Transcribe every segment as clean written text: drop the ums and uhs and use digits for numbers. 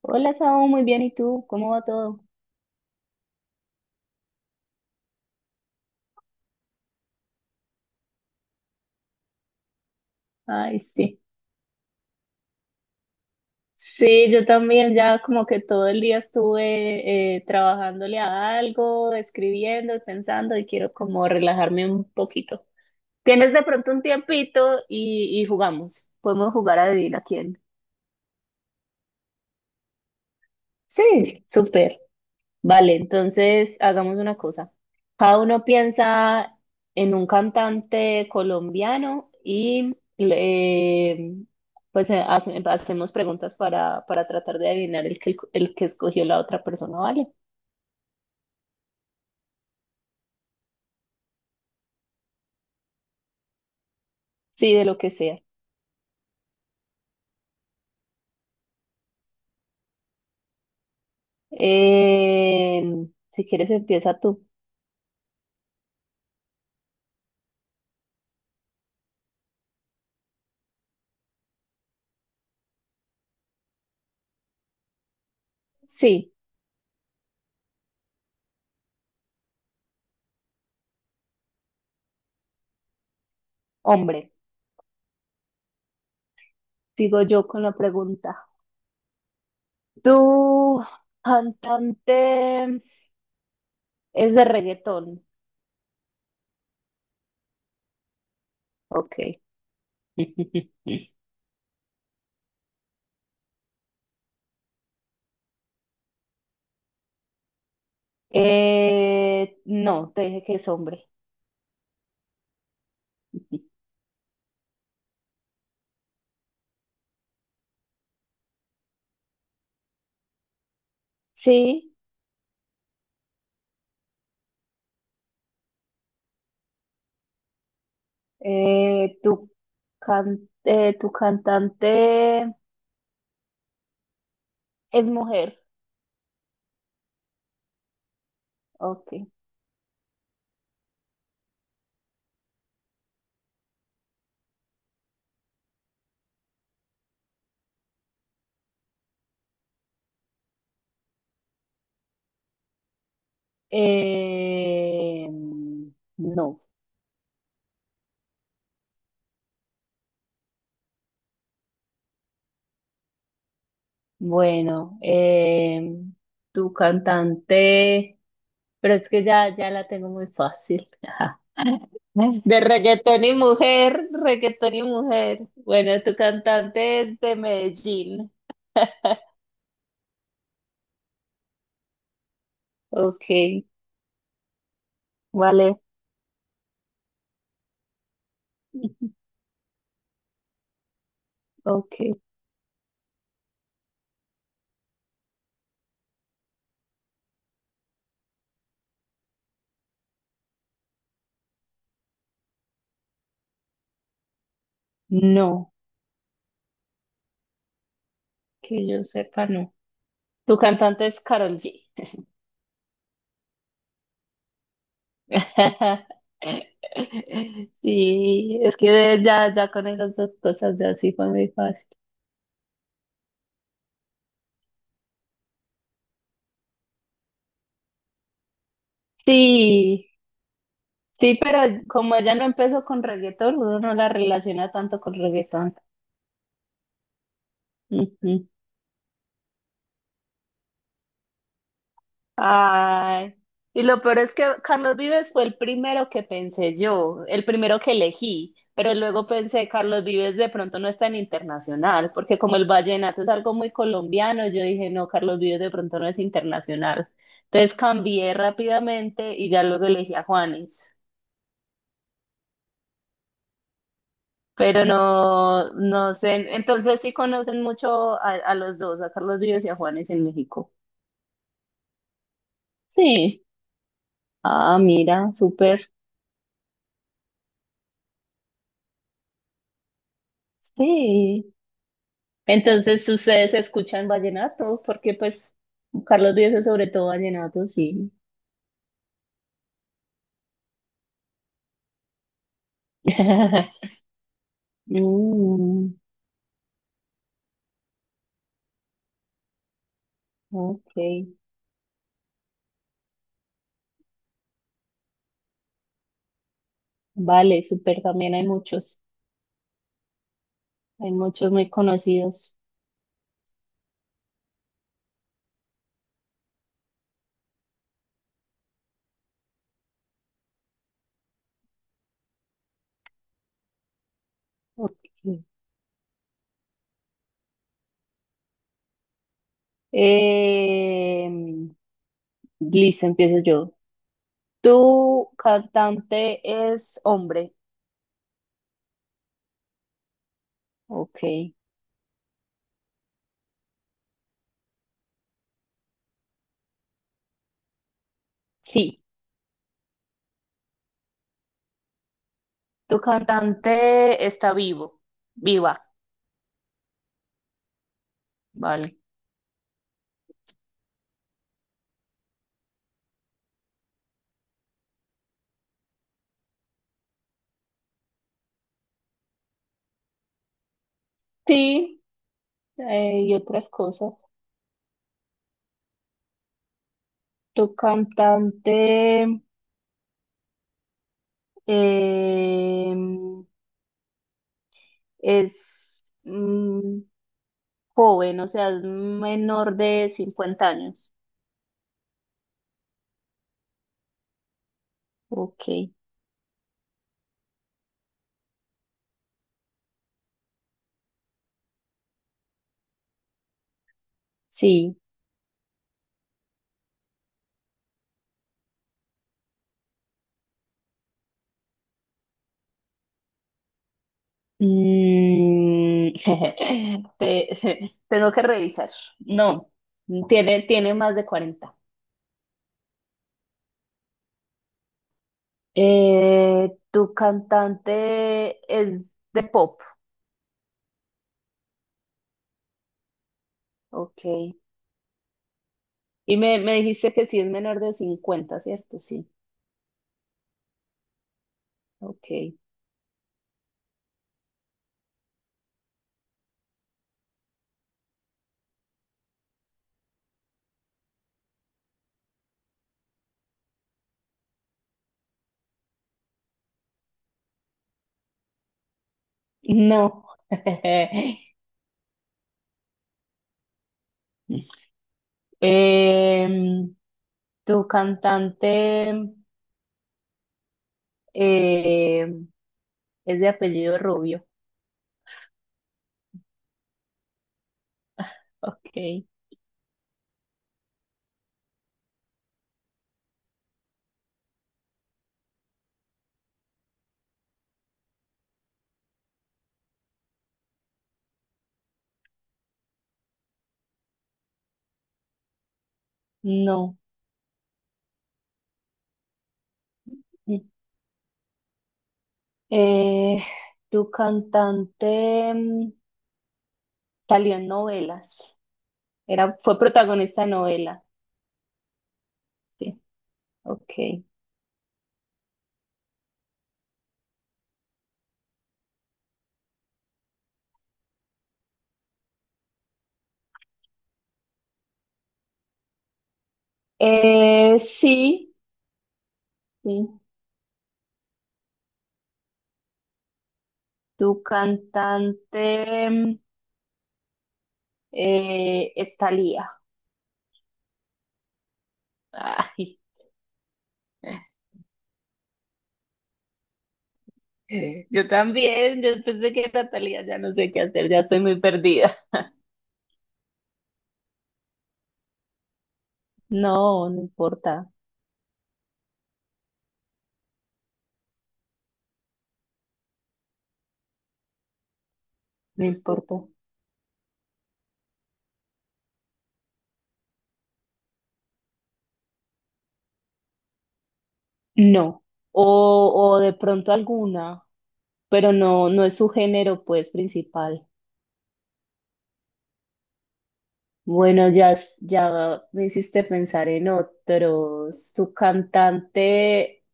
Hola, Saúl, muy bien. ¿Y tú? ¿Cómo va todo? Ay, sí. Sí, yo también ya como que todo el día estuve trabajándole a algo, escribiendo y pensando y quiero como relajarme un poquito. ¿Tienes de pronto un tiempito y jugamos? Podemos jugar a adivina quién. Sí, súper. Vale, entonces hagamos una cosa. Cada uno piensa en un cantante colombiano y hacemos preguntas para tratar de adivinar el que escogió la otra persona, ¿vale? Sí, de lo que sea. Eh, si quieres, empieza tú. Sí, hombre, sigo yo con la pregunta. ¿Tu cantante es de reggaetón? Ok. No, te dije que es hombre. Sí, eh, tu, tu cantante es mujer. Ok. Eh, no, bueno, tu cantante, pero es que ya, ya la tengo muy fácil. De reggaetón y mujer, reggaetón y mujer. Bueno, tu cantante es de Medellín. Ok, vale. Ok, no, que yo sepa, no. Tu cantante es Karol G. Sí, es que ya, ya con esas dos cosas ya sí fue muy fácil. Sí, sí, pero como ella no empezó con reggaetón, uno no la relaciona tanto con reggaetón. Ujú. Ay, y lo peor es que Carlos Vives fue el primero que pensé yo, el primero que elegí, pero luego pensé, Carlos Vives de pronto no es tan internacional, porque como el vallenato es algo muy colombiano, yo dije, no, Carlos Vives de pronto no es internacional. Entonces cambié rápidamente y ya luego elegí a Juanes, pero no, no sé, entonces sí conocen mucho a los dos, a Carlos Vives y a Juanes en México. Sí, ah, mira, súper, sí. Entonces, ¿ustedes escuchan vallenato? Porque pues Carlos Vives es sobre todo vallenato, sí. Mm, ok, vale, súper, también hay muchos muy conocidos. Ok. Em, Listo, empiezo yo. ¿Tu cantante es hombre? Ok, sí, tu cantante está vivo, viva, vale. Sí, y otras cosas. Tu cantante eh, es mm, joven, o sea, es menor de 50 años. Ok, sí. Mm, tengo que revisar. No, tiene más de 40. Tu cantante es de pop. Ok. Me dijiste que sí es menor de 50, ¿cierto? Sí. Ok. No. Eh, Tu cantante eh, es de apellido Rubio. Ok, no. Eh, tu cantante salió en novelas. Era, fue protagonista de novela. Sí, ok. Sí, sí. Tu cantante es Thalía. Ay. Yo también, después de que Natalia ya no sé qué hacer, ya estoy muy perdida. No, no importa, no importa. No. O, o de pronto alguna, pero no, no es su género, pues, principal. Bueno, ya, ya me hiciste pensar en otros. Tu cantante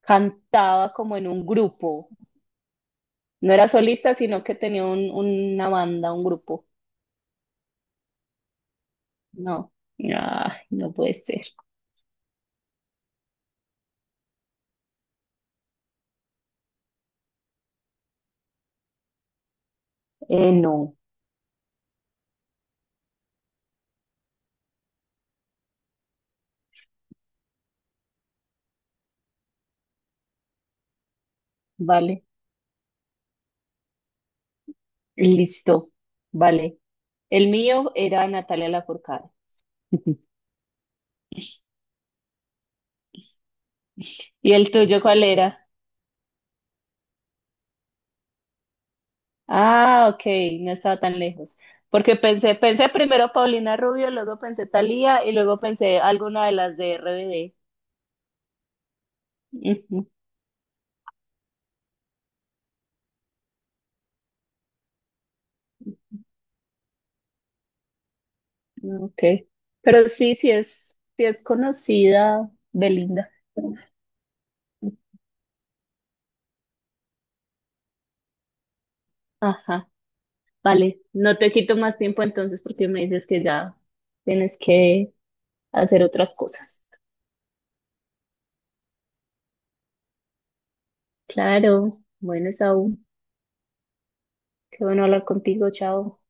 cantaba como en un grupo. No era solista, sino que tenía una banda, un grupo. No. Ay, no puede ser. No. Vale. Listo, vale. El mío era Natalia Lafourcade. ¿Y el tuyo cuál era? Ah, ok, no estaba tan lejos. Porque pensé, pensé primero Paulina Rubio, luego pensé Thalía y luego pensé alguna de las de RBD. Ujú, ok. Pero sí, sí es conocida Belinda. Ajá, vale. No te quito más tiempo entonces porque me dices que ya tienes que hacer otras cosas. Claro, bueno, Saúl. Qué bueno hablar contigo, chao.